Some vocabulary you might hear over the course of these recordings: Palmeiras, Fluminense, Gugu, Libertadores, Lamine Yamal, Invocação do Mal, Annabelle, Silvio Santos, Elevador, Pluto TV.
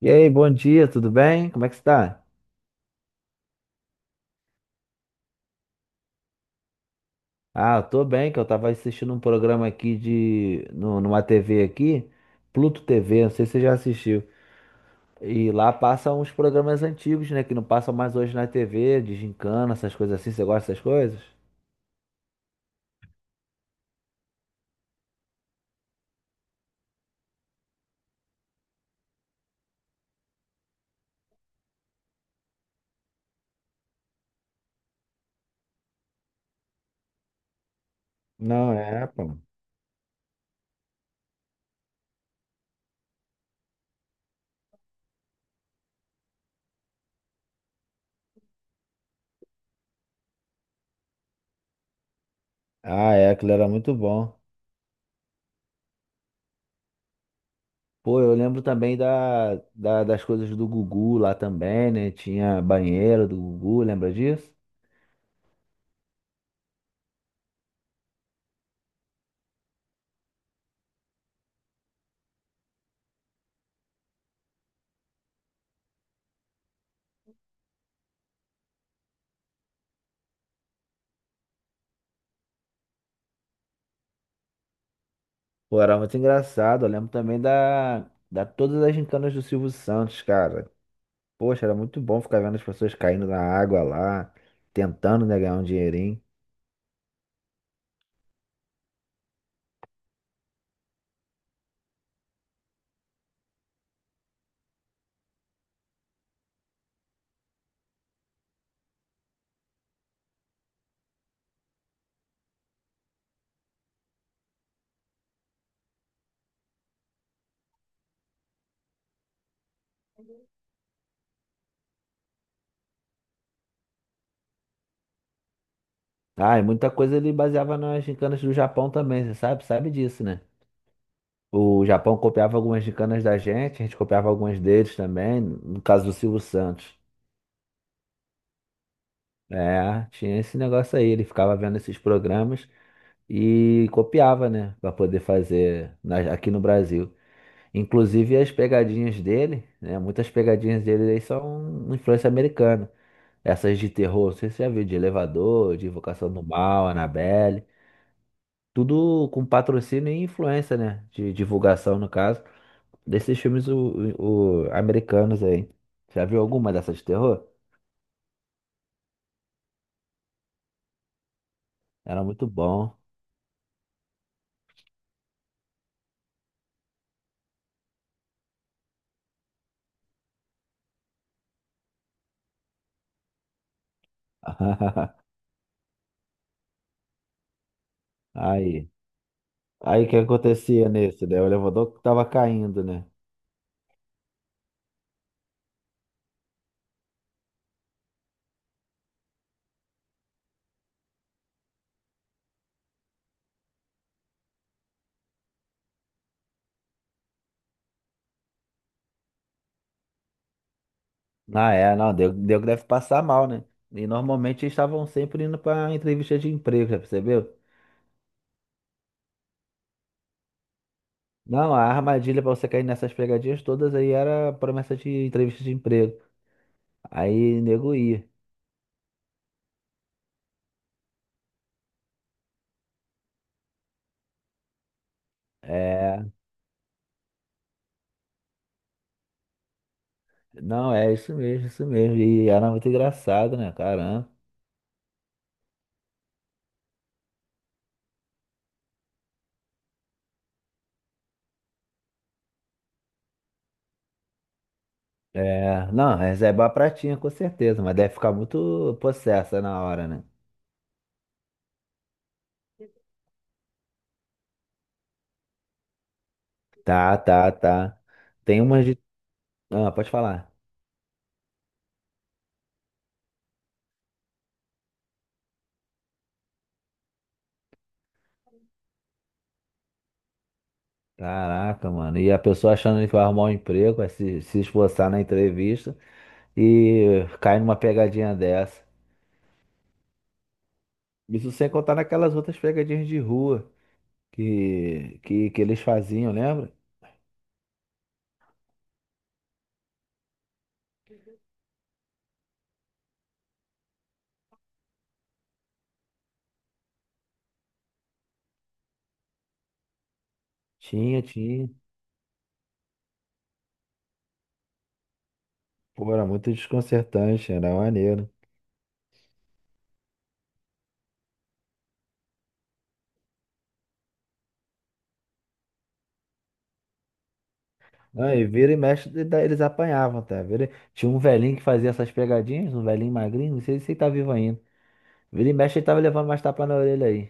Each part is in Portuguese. E aí, bom dia, tudo bem? Como é que você tá? Ah, eu tô bem, que eu tava assistindo um programa aqui de... no- numa TV aqui, Pluto TV, não sei se você já assistiu. E lá passam uns programas antigos, né, que não passam mais hoje na TV, de gincana, essas coisas assim. Você gosta dessas coisas? Não, é, pô. Ah, é, aquilo era muito bom. Pô, eu lembro também das coisas do Gugu lá também, né? Tinha banheiro do Gugu, lembra disso? Pô, era muito engraçado. Eu lembro também da, da todas as gincanas do Silvio Santos, cara. Poxa, era muito bom ficar vendo as pessoas caindo na água lá, tentando, né, ganhar um dinheirinho. Ah, e muita coisa ele baseava nas gincanas do Japão também, você sabe? Sabe disso, né? O Japão copiava algumas gincanas da gente, a gente copiava algumas deles também, no caso do Silvio Santos. É, tinha esse negócio aí, ele ficava vendo esses programas e copiava, né, pra poder fazer aqui no Brasil. Inclusive as pegadinhas dele, né? Muitas pegadinhas dele aí são influência americana. Essas de terror, não sei se você já viu, de Elevador, de Invocação do Mal, Annabelle. Tudo com patrocínio e influência, né? De divulgação, no caso, desses filmes americanos aí. Já viu alguma dessas de terror? Era muito bom. Aí, aí, o que acontecia nesse, né? O elevador tava caindo, né? Ah, é, não, deu que deve passar mal, né? E normalmente eles estavam sempre indo pra entrevista de emprego, já percebeu? Não, a armadilha pra você cair nessas pegadinhas todas aí era promessa de entrevista de emprego. Aí nego ia. É, não, é isso mesmo, isso mesmo. E era muito engraçado, né? Caramba. É, não, reservar a pratinha com certeza, mas deve ficar muito possessa na hora, né? Tá, tá, tá. Tem umas de. Ah, pode falar. Caraca, mano. E a pessoa achando que vai arrumar um emprego, vai se esforçar na entrevista e cai numa pegadinha dessa. Isso sem contar naquelas outras pegadinhas de rua que, que eles faziam, lembra? Tinha, tinha. Pô, era muito desconcertante, era maneiro. Ah, e vira e mexe, e daí eles apanhavam, tá? Vira... Tinha um velhinho que fazia essas pegadinhas, um velhinho magrinho, não sei se ele tá vivo ainda. Vira e mexe, ele tava levando mais tapa na orelha aí.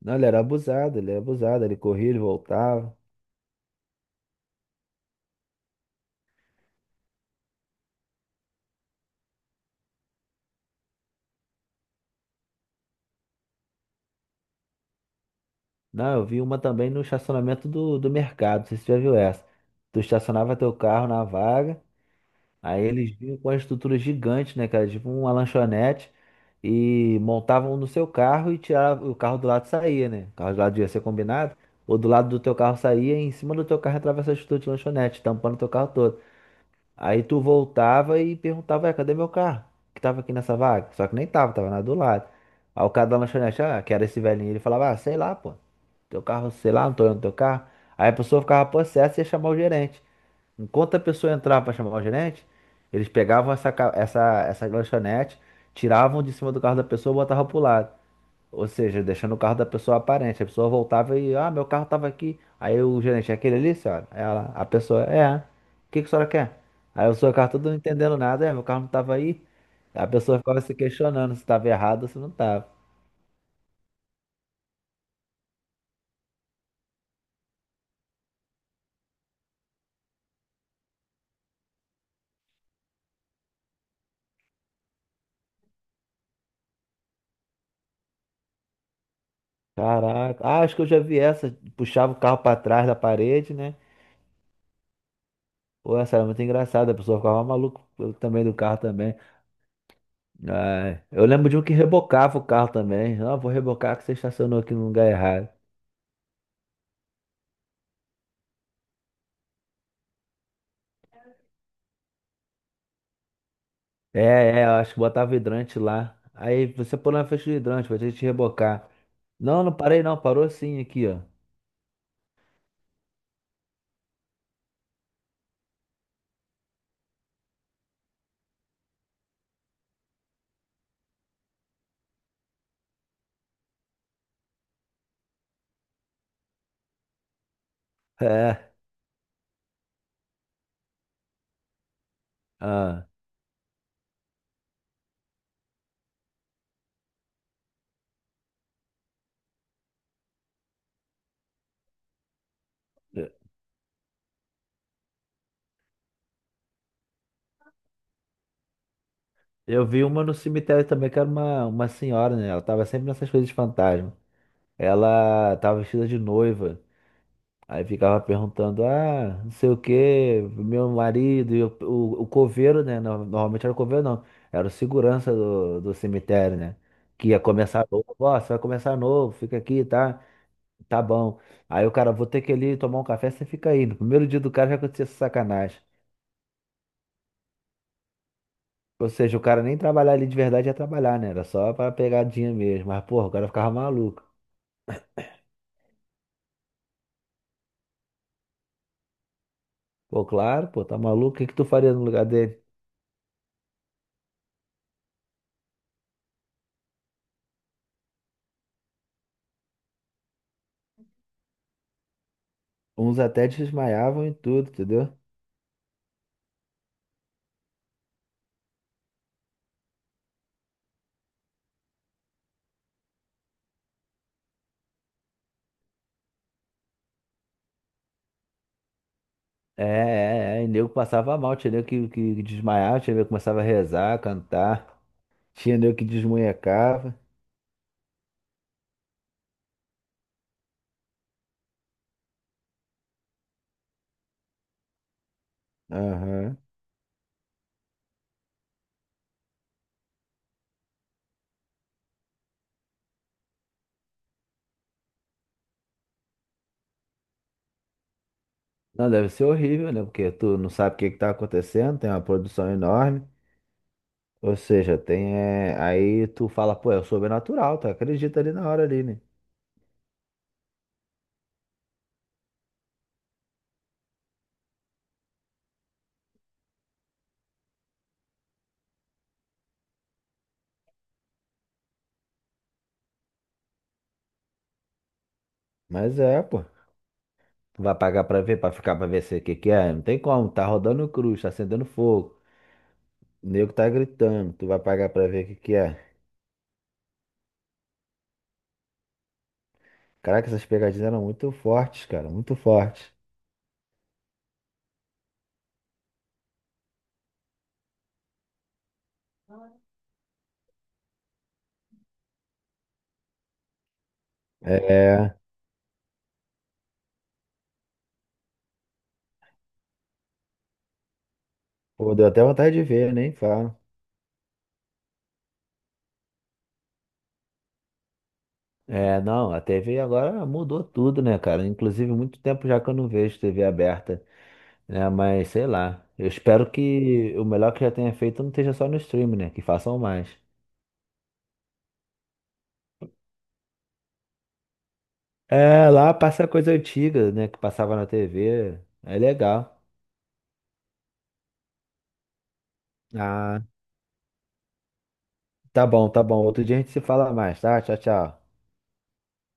Não, ele era abusado, ele era abusado, ele corria, ele voltava. Não, eu vi uma também no estacionamento do mercado, não sei se você já viu essa. Tu estacionava teu carro na vaga, aí eles vinham com a estrutura gigante, né, cara? Tipo uma lanchonete, e montavam no seu carro e tirava, o carro do lado saía, né? O carro do lado ia ser combinado, ou do lado do teu carro saía e em cima do teu carro entrava essa estrutura de lanchonete, tampando teu carro todo. Aí tu voltava e perguntava, "Ué, cadê meu carro? Que tava aqui nessa vaga? Só que nem tava, tava na do lado. Aí o cara da lanchonete, ah, que era esse velhinho, ele falava, ah, sei lá, pô, teu carro, sei lá, não tô olhando teu carro. Aí a pessoa ficava possessa e ia chamar o gerente. Enquanto a pessoa entrava para chamar o gerente, eles pegavam essa lanchonete, tiravam de cima do carro da pessoa e botavam pro lado. Ou seja, deixando o carro da pessoa aparente. A pessoa voltava e, ah, meu carro tava aqui. Aí o gerente, é aquele ali, senhora? Ela, a pessoa, é. O que que a senhora quer? Aí o senhor carro todo não entendendo nada, é, meu carro não tava aí. A pessoa ficava se questionando se estava errado ou se não estava. Caraca. Ah, acho que eu já vi essa. Puxava o carro pra trás da parede, né? Pô, essa era muito engraçada. A pessoa ficava maluca também do carro também. Ai, eu lembro de um que rebocava o carro também. Ah, vou rebocar que você estacionou aqui no lugar errado. É, é, eu acho que botava hidrante lá. Aí você pulou na frente do hidrante pra gente rebocar. Não, não parei não. Parou sim aqui, ó. É. Ah, eu eu vi uma no cemitério também, que era uma senhora, né? Ela tava sempre nessas coisas de fantasma. Ela tava vestida de noiva. Aí ficava perguntando, ah, não sei o quê, meu marido, e o coveiro, né? Normalmente era o coveiro, não. Era o segurança do cemitério, né? Que ia começar novo. Ó, você vai começar novo, fica aqui, tá? Tá bom. Aí o cara, vou ter que ir ali tomar um café, você fica aí. No primeiro dia do cara já acontecia essa sacanagem. Ou seja, o cara nem trabalhar ali de verdade ia trabalhar, né? Era só pra pegadinha mesmo. Mas, porra, o cara ficava maluco. Pô, claro, pô, tá maluco? O que que tu faria no lugar dele? Uns até desmaiavam e tudo, entendeu? É, é, é. E nego passava mal, tinha nego que desmaiava, tinha nego que começava a rezar, cantar, tinha nego que desmunhecava. Aham. Não, deve ser horrível, né? Porque tu não sabe o que que tá acontecendo, tem uma produção enorme. Ou seja, tem. Aí tu fala, pô, é o sobrenatural, tu acredita ali na hora ali, né? Mas é, pô. Tu vai pagar pra ver, pra ficar pra ver se o que que é. Não tem como, tá rodando cruz, tá acendendo fogo. O nego tá gritando, tu vai pagar pra ver o que que é. Caraca, essas pegadinhas eram muito fortes, cara, muito fortes. É, pô, deu até vontade de ver, nem falo. É, não, a TV agora mudou tudo, né, cara? Inclusive, muito tempo já que eu não vejo TV aberta, né? Mas sei lá. Eu espero que o melhor que já tenha feito não esteja só no stream, né? Que façam mais. É, lá passa coisa antiga, né? Que passava na TV. É legal. Ah, tá bom, tá bom. Outro dia a gente se fala mais, tá? Tchau, tchau.